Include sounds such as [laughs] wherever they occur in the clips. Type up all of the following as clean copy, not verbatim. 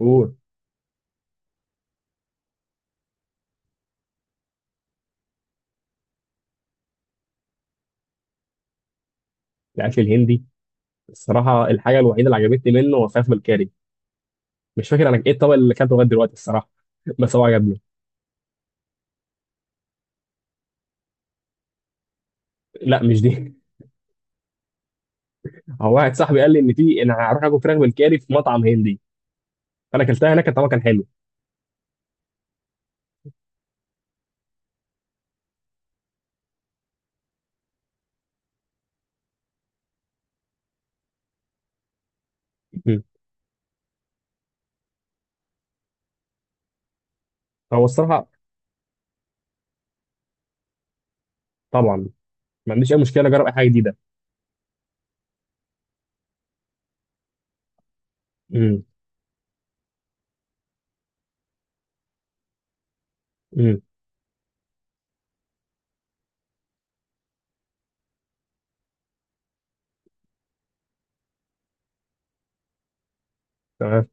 اوه. الاكل الهندي. الصراحه الحاجه الوحيده اللي عجبتني منه هو فراخ بالكاري. مش فاكر انا ايه الطبق اللي اكلته لغايه دلوقتي الصراحه. [laughs] بس هو عجبني. لا مش دي. [laughs] هو واحد صاحبي قال لي ان في انا هروح اكل فراخ بالكاري في مطعم هندي. فانا اكلتها هناك طبعا كان حلو. مم. هو الصراحه طبعا ما عنديش اي مشكله اجرب اي حاجه جديده. مم. مم. تمام.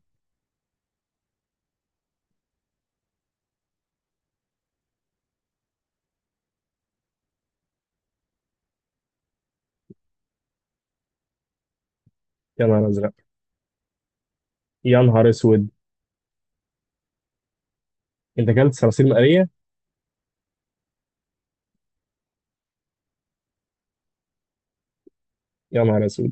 يا نهار ازرق. يا نهار اسود. انت اكلت صراصير مقليه؟ يا نهار اسود.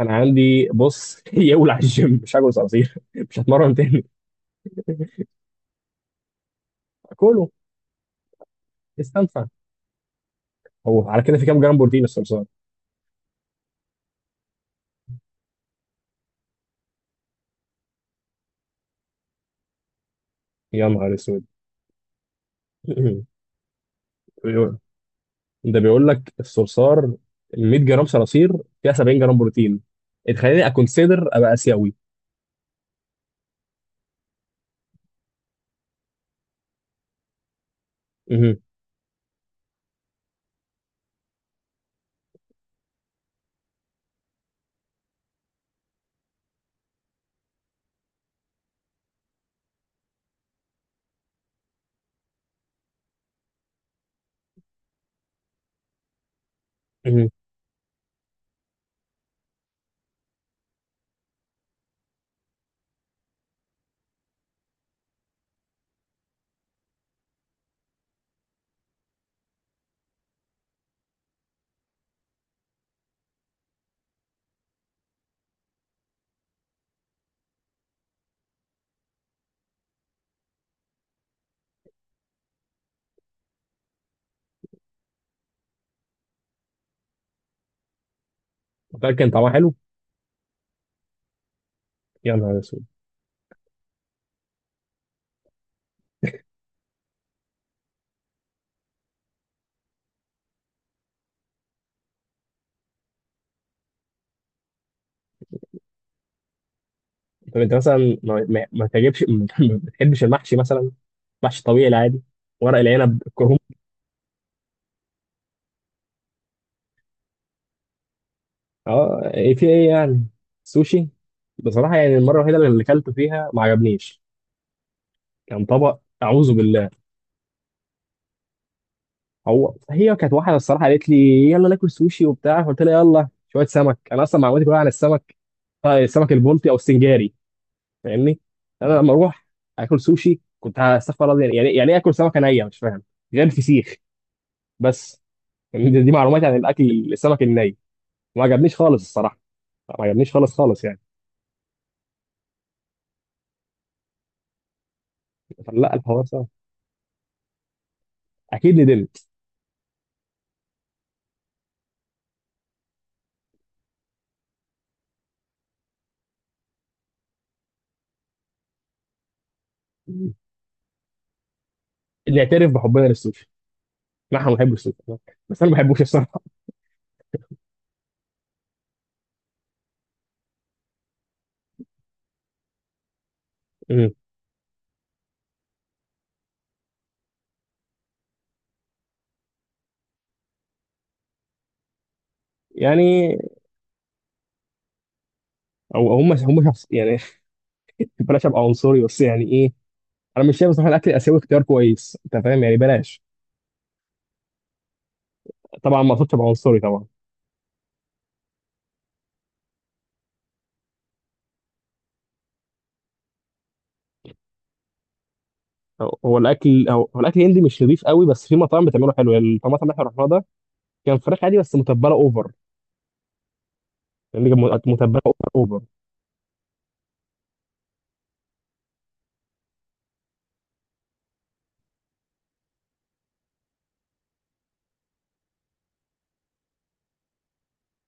انا عندي بص [laughs] يولع الجيم مش هاكل صراصير [laughs] مش هتمرن تاني. اكله. استنفع. هو على كده في كام جرام بروتين الصرصار؟ يا نهار اسود. [clears throat] [laughs] بيقول- ده بيقول لك الصرصار ال 100 جرام صراصير فيها 70 جرام بروتين تخليني اكونسيدر ابقى اسيوي. مهم. مهم. متأكد كان طعمها حلو؟ يا نهار اسود. طب انت مثلا ما, ما ما تجيبش [laughs] ما بتحبش المحشي مثلا؟ محشي طبيعي العادي. ورق العنب الكرنب. اه ايه في ايه يعني. سوشي؟ بصراحه يعني المره الوحيده اللي اكلته فيها ما عجبنيش. كان طبق اعوذ بالله. هو هي كانت واحده الصراحه قالت لي يلا ناكل سوشي وبتاع فقلت لها يلا شويه سمك انا اصلا معلوماتي كلها عن السمك. السمك البلطي او السنجاري. فاهمني. انا لما اروح اكل سوشي كنت هستغفر الله يعني ايه اكل سمكه نيه مش فاهم. غير الفسيخ بس. يعني دي معلوماتي عن الاكل السمك الني. ما عجبنيش خالص الصراحه. ما عجبنيش خالص خالص يعني. لا الحوار صعب. اكيد ندمت. نعترف بحبنا للسوشي. نحن بنحب السوشي. بس انا ما بحبوش الصراحه. مم. يعني او هم شخص يعني. بلاش ابقى عنصري بس يعني ايه. انا مش شايف بصراحه الاكل الاسيوي اختيار كويس انت فاهم يعني بلاش. طبعا ما اقصدش ابقى عنصري طبعا. هو الاكل الهندي مش نضيف قوي بس في مطاعم بتعمله حلو يعني المطعم اللي احنا رحناه ده. كان فراخ عادي بس متبله اوفر. يعني كان متبله اوفر اوفر.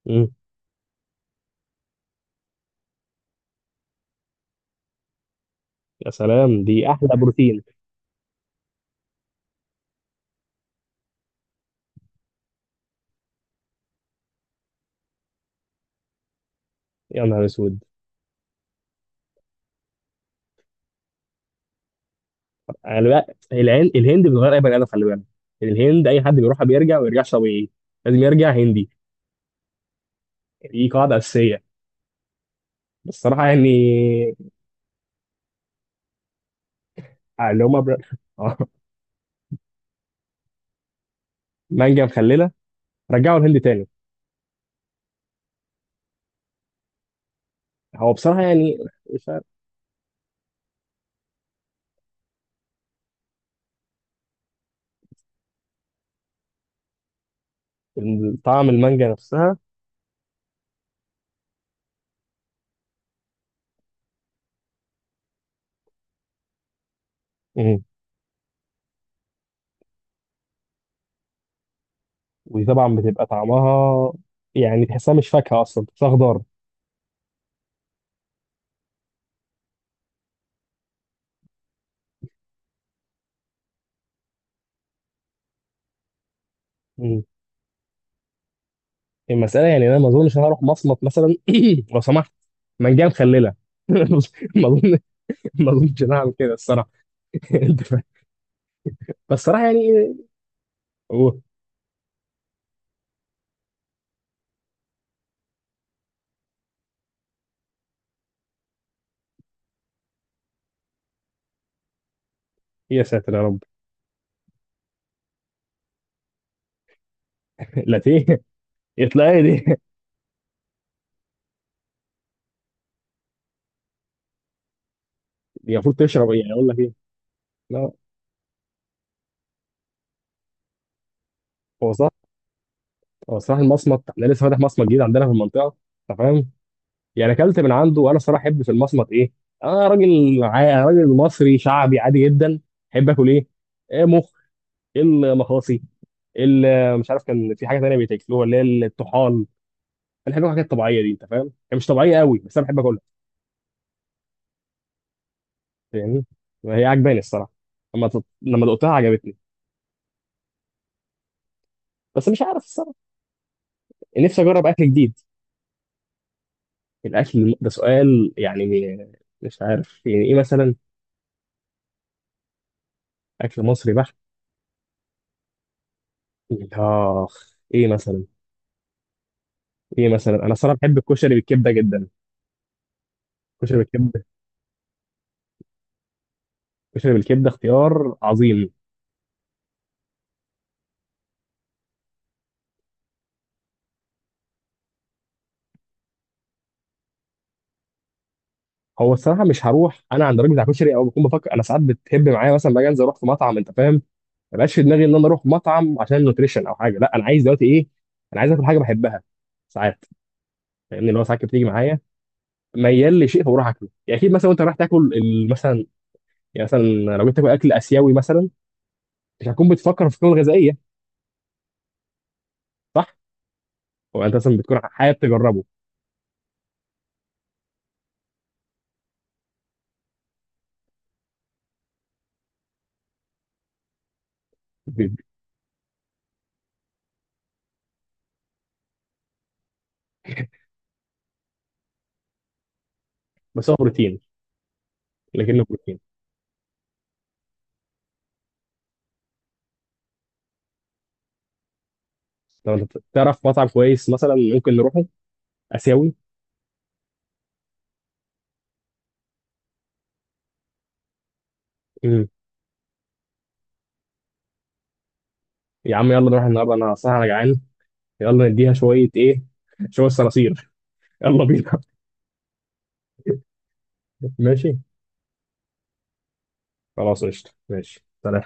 مم. يا سلام دي احلى بروتين. يا نهار اسود. انا بقى العين الهند بتغير اي بني ادم خلي بالك. يعني الهند اي حد بيروحها بيرجع ما بيرجعش طبيعي. لازم يرجع هندي. دي قاعده اساسيه. بس الصراحه يعني. اللي هم بر... [laughs] مانجا مخلله. رجعوا الهند تاني. هو بصراحة يعني. مش عارف. طعم المانجا نفسها. مم. ودي طبعا بتبقى طعمها. يعني تحسها مش فاكهة أصلا تحسها خضار. مم. المسألة يعني أنا ما أظنش أنا هروح مصمت مثلا. [clears throat] لو سمحت. مانجا مخللة [laughs] ما أظن. ما أظنش إن أنا هعمل كده الصراحة. [laughs] أنت فاهم. بس الصراحة يعني. أوه. يا ساتر يا رب. [laughs] لاتيه. يطلع إيه دي [laughs] دي المفروض تشرب إيه يعني أقول لك إيه. لا. هو صح. هو صراحة المصمت أنا لسه فاتح مصمت جديد عندنا في المنطقة. أنت فاهم. يعني اكلت من عنده وانا الصراحه احب في المصمت ايه. انا راجل راجل مصري شعبي عادي جدا. احب اكل ايه. إيه مخ. المخاصي. مش عارف كان في حاجه تانيه بيتاكلوها اللي هي الطحال. انا بحب الحاجات الطبيعيه دي انت فاهم هي مش طبيعيه قوي بس انا بحب اكلها. فاهمني. هي عجباني الصراحه. لما دقتها عجبتني. بس مش عارف الصراحه. نفسي اجرب اكل جديد. الاكل ده سؤال يعني. مش عارف يعني ايه مثلا. اكل مصري بحت. اخ ايه مثلا. ايه مثلا انا الصراحه بحب الكشري بالكبده جدا. كشري بالكبده. كشري بالكبده اختيار عظيم. هو الصراحه مش هروح انا عند الراجل بتاع كشري او بكون بفكر انا ساعات بتهب معايا مثلا باجي انزل اروح في مطعم انت فاهم. ما بقاش في دماغي ان انا اروح مطعم عشان نوتريشن او حاجه لا انا عايز دلوقتي ايه. انا عايز اكل حاجه بحبها. ساعات. فاهمني اللي هو ساعات كده بتيجي معايا. ميال لشيء فبروح اكله يعني اكيد مثلا وانت رايح تاكل مثلا. يعني مثلا. لو جيت تاكل اكل اسيوي مثلا. مش هتكون بتفكر في القيمه الغذائيه. صح؟ هو انت مثلا بتكون حابب تجربه. ب- بس هو بروتين. لكنه بروتين. لو انت تعرف مطعم كويس مثلا ممكن نروحه. اسيوي. مم. يا عم يلا نروح النهارده انا صح انا جعان. يلا نديها شويه ايه. شويه صراصير. يلا بينا. [laughs] ماشي. خلاص قشطه ماشي سلام.